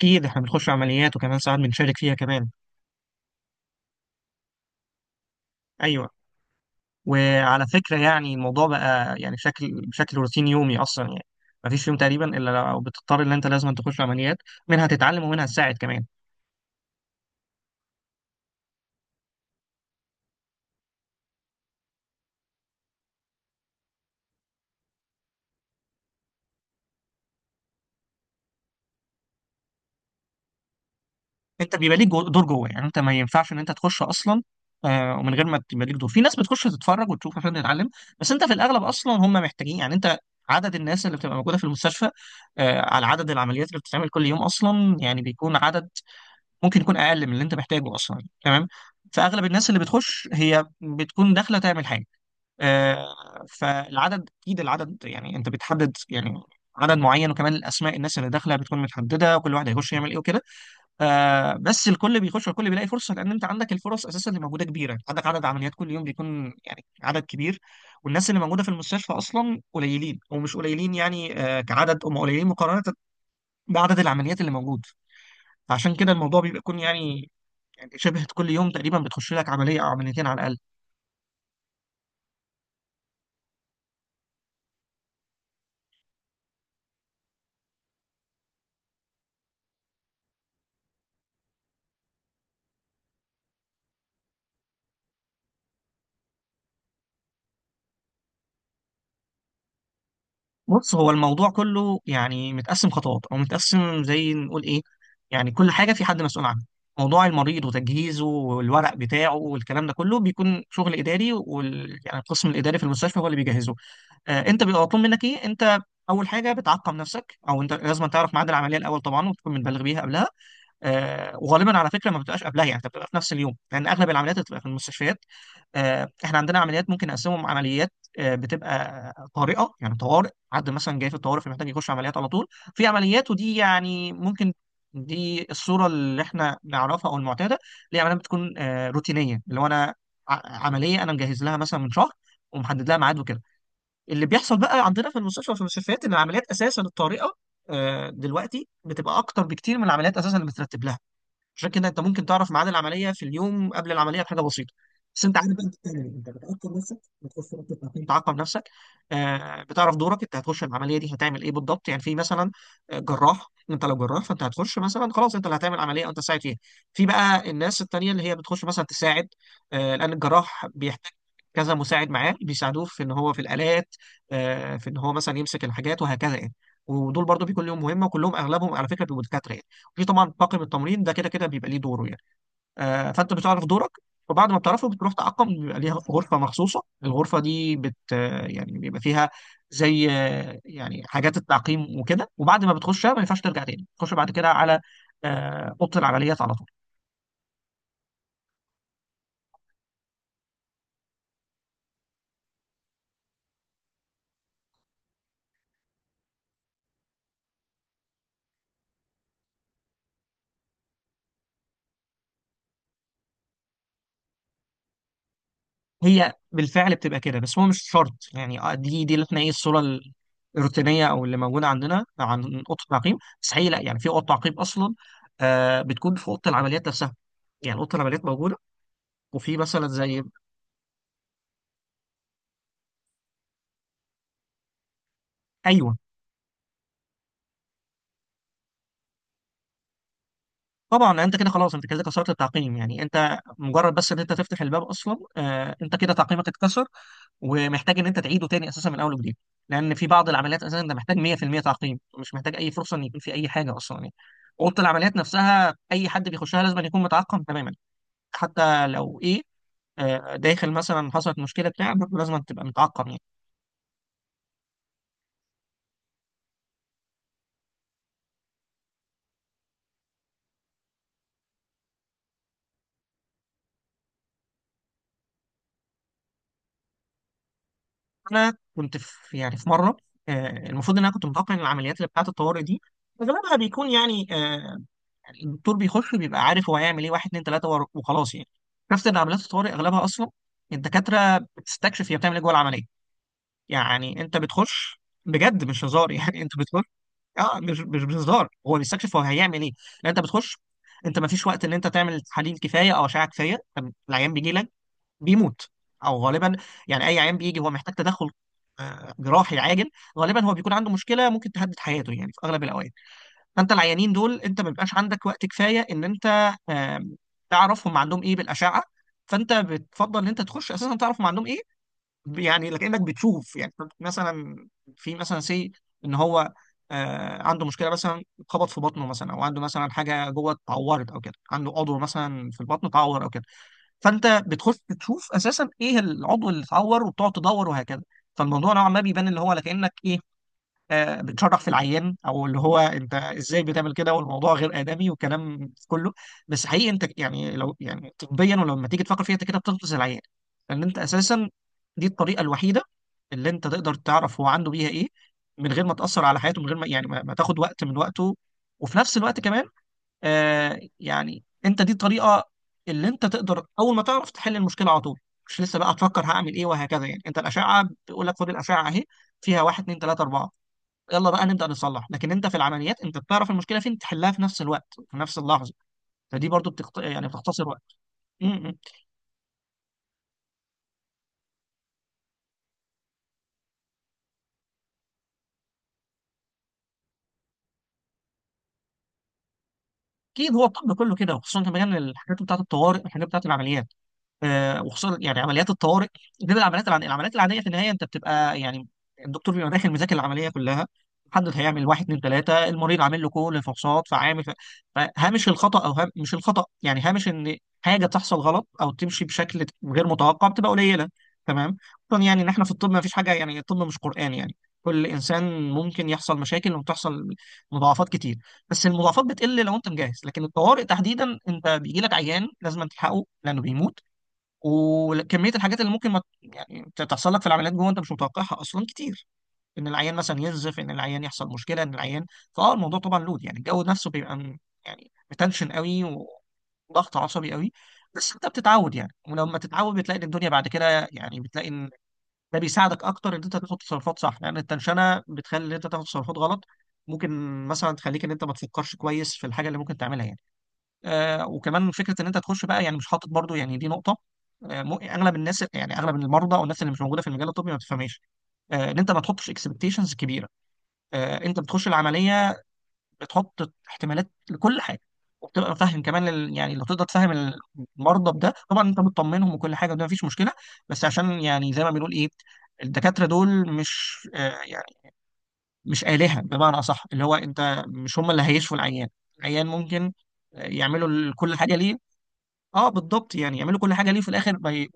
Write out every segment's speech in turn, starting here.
اكيد احنا بنخش عمليات وكمان ساعات بنشارك فيها كمان. ايوه. وعلى فكره يعني الموضوع بقى يعني بشكل روتين يومي اصلا يعني مفيش يوم تقريبا الا لو بتضطر ان انت لازم تخش عمليات، منها تتعلم ومنها تساعد كمان. انت بيبقى ليك دور جوه، يعني انت ما ينفعش ان انت تخش اصلا. ومن غير ما تبقى ليك دور في ناس بتخش تتفرج وتشوف عشان تتعلم، بس انت في الاغلب اصلا هم محتاجين يعني انت، عدد الناس اللي بتبقى موجوده في المستشفى على عدد العمليات اللي بتتعمل كل يوم اصلا يعني بيكون عدد ممكن يكون اقل من اللي انت محتاجه اصلا، تمام. فاغلب الناس اللي بتخش هي بتكون داخله تعمل حاجه. فالعدد اكيد العدد يعني انت بتحدد يعني عدد معين، وكمان الاسماء، الناس اللي داخله بتكون متحدده وكل واحد هيخش يعمل ايه وكده. بس الكل بيخش والكل بيلاقي فرصه، لان انت عندك الفرص اساسا اللي موجوده كبيره، عندك عدد عمليات كل يوم بيكون يعني عدد كبير، والناس اللي موجوده في المستشفى اصلا قليلين، ومش قليلين يعني، كعدد هم قليلين مقارنه بعدد العمليات اللي موجود. عشان كده الموضوع بيبقى يكون يعني شبه كل يوم تقريبا بتخش لك عمليه او عمليتين على الاقل. بص هو الموضوع كله يعني متقسم خطوات، او متقسم زي نقول ايه، يعني كل حاجه في حد مسؤول عنها. موضوع المريض وتجهيزه والورق بتاعه والكلام ده كله بيكون شغل اداري، يعني القسم الاداري في المستشفى هو اللي بيجهزه. انت بيبقى مطلوب منك ايه، انت اول حاجه بتعقم نفسك، او انت لازم تعرف ميعاد العمليه الاول طبعا وتكون متبلغ بيها قبلها. وغالبا على فكره ما بتبقاش قبلها، يعني انت بتبقى في نفس اليوم، لان اغلب العمليات بتبقى في المستشفيات. احنا عندنا عمليات ممكن نقسمهم عمليات بتبقى طارئه، يعني طوارئ، حد مثلا جاي في الطوارئ فمحتاج يخش عمليات على طول. في عمليات ودي يعني ممكن، دي الصوره اللي احنا نعرفها او المعتاده، اللي هي عمليات بتكون روتينيه، اللي هو انا عمليه انا مجهز لها مثلا من شهر ومحدد لها ميعاد وكده. اللي بيحصل بقى عندنا في المستشفى وفي المستشفيات ان العمليات اساسا الطارئه دلوقتي بتبقى اكتر بكتير من العمليات اساسا اللي مترتب لها. عشان كده انت ممكن تعرف ميعاد العمليه في اليوم قبل العمليه بحاجه بسيطه. بس انت عارف بقى انت بتعمل ايه، انت بتعقم نفسك، بتخش رابطه تعقيم تعقم نفسك. بتعرف دورك، انت هتخش العمليه دي هتعمل ايه بالضبط، يعني في مثلا جراح، انت لو جراح فانت هتخش مثلا خلاص انت اللي هتعمل عمليه، او انت تساعد فيها. في بقى الناس التانيه اللي هي بتخش مثلا تساعد، لان الجراح بيحتاج كذا مساعد معاه، بيساعدوه في ان هو في الالات، في ان هو مثلا يمسك الحاجات وهكذا يعني. ودول برضو بيكون ليهم مهمه، وكلهم اغلبهم على فكره بيبقوا دكاتره يعني. في طبعا طاقم التمرين ده كده كده بيبقى ليه دوره يعني. فانت بتعرف دورك، وبعد ما بتعرفه بتروح تعقم، بيبقى ليها غرفه مخصوصه، الغرفه دي بت آه، يعني بيبقى فيها زي يعني حاجات التعقيم وكده. وبعد ما بتخشها ما ينفعش ترجع تاني تخش بعد كده على اوضه العمليات على طول. هي بالفعل بتبقى كده، بس هو مش شرط يعني، دي اللي احنا ايه الصوره الروتينيه او اللي موجوده عندنا عن اوضه التعقيم، بس هي لا، يعني في اوضه تعقيم اصلا بتكون في اوضه العمليات نفسها، يعني اوضه العمليات موجوده وفي مثلا زي. ايوه طبعا، انت كده خلاص انت كده كسرت التعقيم، يعني انت مجرد بس ان انت تفتح الباب اصلا انت كده تعقيمك اتكسر، ومحتاج ان انت تعيده تاني اساسا من اول وجديد. لان في بعض العمليات اساسا انت محتاج 100% تعقيم، مش محتاج اي فرصه ان يكون في اي حاجه اصلا يعني. اوضه العمليات نفسها اي حد بيخشها لازم أن يكون متعقم تماما، حتى لو ايه داخل مثلا حصلت مشكله بتاع برضه لازم تبقى متعقم. انا كنت في يعني في مره، المفروض ان انا كنت متوقع ان العمليات اللي بتاعه الطوارئ دي اغلبها بيكون يعني الدكتور بيخش بيبقى عارف هو هيعمل ايه، واحد اتنين تلاته وخلاص يعني. عرفت ان عمليات الطوارئ اغلبها اصلا الدكاتره بتستكشف هي بتعمل ايه جوه العمليه، يعني انت بتخش بجد مش هزار يعني انت بتخش. اه مش بهزار، هو بيستكشف هو هيعمل ايه، لان انت بتخش، انت ما فيش وقت ان انت تعمل تحاليل كفايه او اشعه كفايه، العيان بيجي لك بيموت او غالبا، يعني اي عيان بيجي هو محتاج تدخل جراحي عاجل، غالبا هو بيكون عنده مشكله ممكن تهدد حياته يعني في اغلب الاوقات. فانت العيانين دول انت ما بيبقاش عندك وقت كفايه ان انت آم، تعرف هم عندهم ايه بالاشعه، فانت بتفضل ان انت تخش اساسا تعرف هم عندهم ايه، يعني لكنك بتشوف يعني مثلا، في مثلا سي ان هو عنده مشكله مثلا، خبط في بطنه مثلا، او عنده مثلا حاجه جوه اتعورت او كده، عنده عضو مثلا في البطن اتعور او كده، فانت بتخش تشوف اساسا ايه العضو اللي اتعور، وبتقعد تدور وهكذا. فالموضوع نوعا ما بيبان اللي هو كانك ايه بتشرح في العيان، او اللي هو انت ازاي بتعمل كده والموضوع غير ادمي وكلام كله. بس حقيقي انت يعني لو يعني طبيا ولما تيجي تفكر فيها انت كده بتغطس العيان، لان انت اساسا دي الطريقه الوحيده اللي انت تقدر تعرف هو عنده بيها ايه من غير ما تاثر على حياته، من غير ما يعني ما تاخد وقت من وقته، وفي نفس الوقت كمان يعني انت دي الطريقه اللي انت تقدر اول ما تعرف تحل المشكله على طول، مش لسه بقى تفكر هعمل ايه وهكذا يعني. انت الاشعه بيقول لك خد الاشعه اهي، فيها واحد اتنين تلاته اربعه، يلا بقى نبدا نصلح. لكن انت في العمليات انت بتعرف المشكله فين، تحلها في نفس الوقت في نفس اللحظه، فدي برضو يعني بتختصر وقت. م- م. اكيد هو الطب كله كده، وخصوصا كمان الحاجات بتاعت الطوارئ، الحاجات بتاعت العمليات، وخصوصا يعني عمليات الطوارئ، غير العمليات العاديه. العمليات العاديه في النهايه انت بتبقى يعني الدكتور بيبقى داخل مذاكر العمليه كلها، محدد هيعمل واحد اتنين تلاته، المريض عامل له كل الفحوصات فعامل فهامش الخطا، او مش الخطا يعني هامش ان حاجه تحصل غلط او تمشي بشكل غير متوقع بتبقى قليله. تمام، خصوصا يعني ان احنا في الطب ما فيش حاجه يعني، الطب مش قران يعني، كل انسان ممكن يحصل مشاكل وتحصل مضاعفات كتير، بس المضاعفات بتقل لو انت مجهز. لكن الطوارئ تحديدا انت بيجي لك عيان لازم تلحقه لانه بيموت، وكميه الحاجات اللي ممكن ما يعني تحصل لك في العمليات جوه انت مش متوقعها اصلا كتير، ان العيان مثلا ينزف، ان العيان يحصل مشكله، ان العيان، فاه الموضوع طبعا لود، يعني الجو نفسه بيبقى يعني متنشن قوي وضغط عصبي قوي. بس انت بتتعود يعني، ولما تتعود بتلاقي ان الدنيا بعد كده، يعني بتلاقي ان ده بيساعدك اكتر ان انت تاخد تصرفات صح، لان التنشنه بتخلي ان انت تاخد تصرفات غلط، ممكن مثلا تخليك ان انت ما تفكرش كويس في الحاجه اللي ممكن تعملها يعني. وكمان فكره ان انت تخش بقى يعني مش حاطط برضو، يعني دي نقطه اغلب الناس، يعني اغلب المرضى او الناس اللي مش موجوده في المجال الطبي ما بتفهمش ان انت ما تحطش اكسبكتيشنز كبيره. انت بتخش العمليه بتحط احتمالات لكل حاجه، وبتبقى فاهم كمان يعني لو تقدر تفهم المرضى بده طبعا انت بتطمنهم وكل حاجه وده مفيش مشكله. بس عشان يعني زي ما بنقول ايه، الدكاتره دول مش يعني مش آلهة بمعنى اصح، اللي هو انت مش، هم اللي هيشفوا العيان، العيان ممكن يعملوا كل حاجه ليه. اه بالضبط، يعني يعملوا كل حاجه ليه في الاخر ما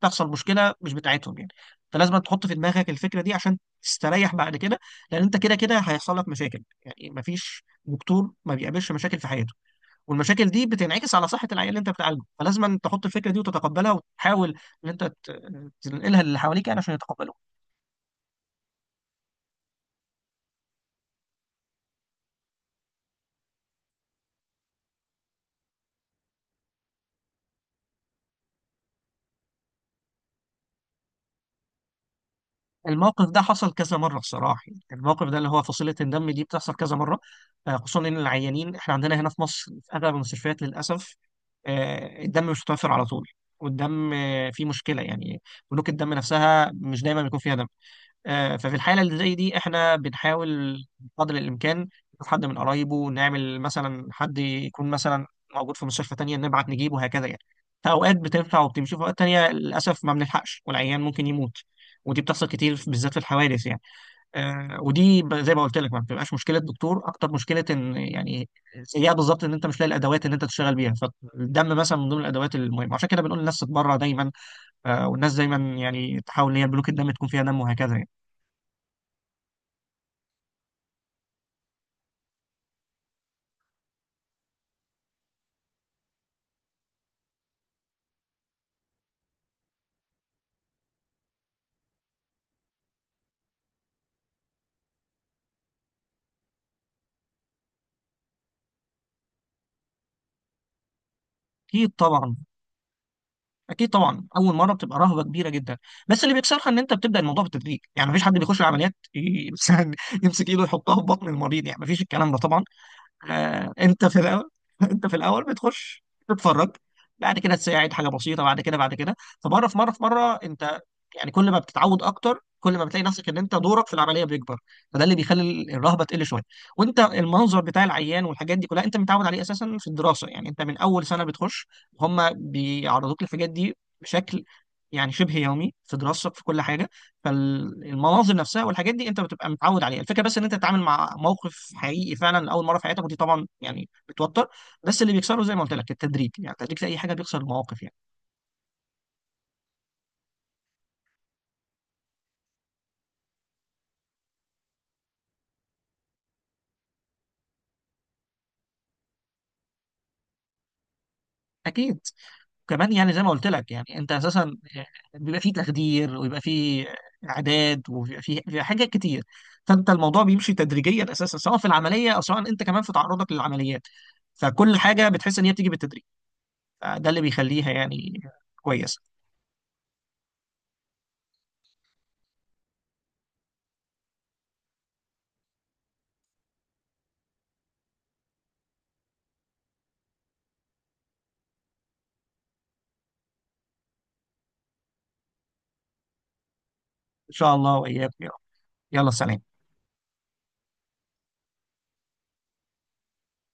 تحصل مشكله مش بتاعتهم يعني. فلازم تحط في دماغك الفكره دي عشان تستريح بعد كده، لان انت كده كده هيحصل لك مشاكل يعني، ما فيش دكتور ما بيقابلش مشاكل في حياته، والمشاكل دي بتنعكس على صحه العيان اللي انت بتعالجه، فلازم تحط الفكره دي وتتقبلها وتحاول ان انت تنقلها للي حواليك يعني عشان يتقبلوا. الموقف ده حصل كذا مره بصراحه، يعني الموقف ده اللي هو فصيله الدم دي بتحصل كذا مره، خصوصا ان العيانين احنا عندنا هنا في مصر في اغلب المستشفيات للاسف الدم مش متوفر على طول. والدم فيه مشكله يعني، بنوك الدم نفسها مش دايما بيكون فيها دم. ففي الحالة اللي زي دي احنا بنحاول قدر الإمكان نشوف حد من قرايبه، نعمل مثلا حد يكون مثلا موجود في مستشفى تانية نبعت نجيبه وهكذا يعني. فأوقات بتنفع وبتمشي، في أوقات تانية للأسف ما بنلحقش والعيان ممكن يموت، ودي بتحصل كتير بالذات في الحوادث يعني. ودي زي ما قلت لك ما بتبقاش مشكلة دكتور أكتر مشكلة إن يعني سيئة بالظبط، إن أنت مش لاقي الأدوات اللي أنت تشتغل بيها، فالدم مثلا من ضمن الأدوات المهمة، عشان كده بنقول للناس تتبرع دايما، والناس دايما يعني تحاول إن هي البنوك الدم تكون فيها دم وهكذا يعني. اكيد طبعا. اكيد طبعا اول مره بتبقى رهبه كبيره جدا، بس اللي بيكسرها ان انت بتبدا الموضوع بالتدريج، يعني مفيش حد بيخش العمليات مثلا يمسك ايده يحطها في بطن المريض، يعني مفيش الكلام ده طبعا. انت في الاول انت في الاول بتخش تتفرج، بعد كده تساعد حاجه بسيطه، بعد كده بعد كده، فمره في مره في مره انت يعني كل ما بتتعود اكتر كل ما بتلاقي نفسك ان انت دورك في العمليه بيكبر، فده اللي بيخلي الرهبه تقل شويه. وانت المنظر بتاع العيان والحاجات دي كلها انت متعود عليه اساسا في الدراسه، يعني انت من اول سنه بتخش هم بيعرضوك للحاجات دي بشكل يعني شبه يومي في دراستك في كل حاجه، فالمناظر نفسها والحاجات دي انت بتبقى متعود عليها. الفكره بس ان انت تتعامل مع موقف حقيقي فعلا لاول مره في حياتك، ودي طبعا يعني بتوتر، بس اللي بيكسره زي ما قلت لك التدريج، يعني التدريج في اي حاجه بيكسر المواقف يعني. اكيد، كمان يعني زي ما قلت لك يعني انت اساسا بيبقى فيه تخدير، ويبقى فيه اعداد، وبيبقى فيه حاجات كتير. فانت الموضوع بيمشي تدريجيا اساسا، سواء في العمليه او سواء انت كمان في تعرضك للعمليات، فكل حاجه بتحس ان هي بتيجي بالتدريج، فده اللي بيخليها يعني كويسه. ان شاء الله واياك يا رب. يلا سلام.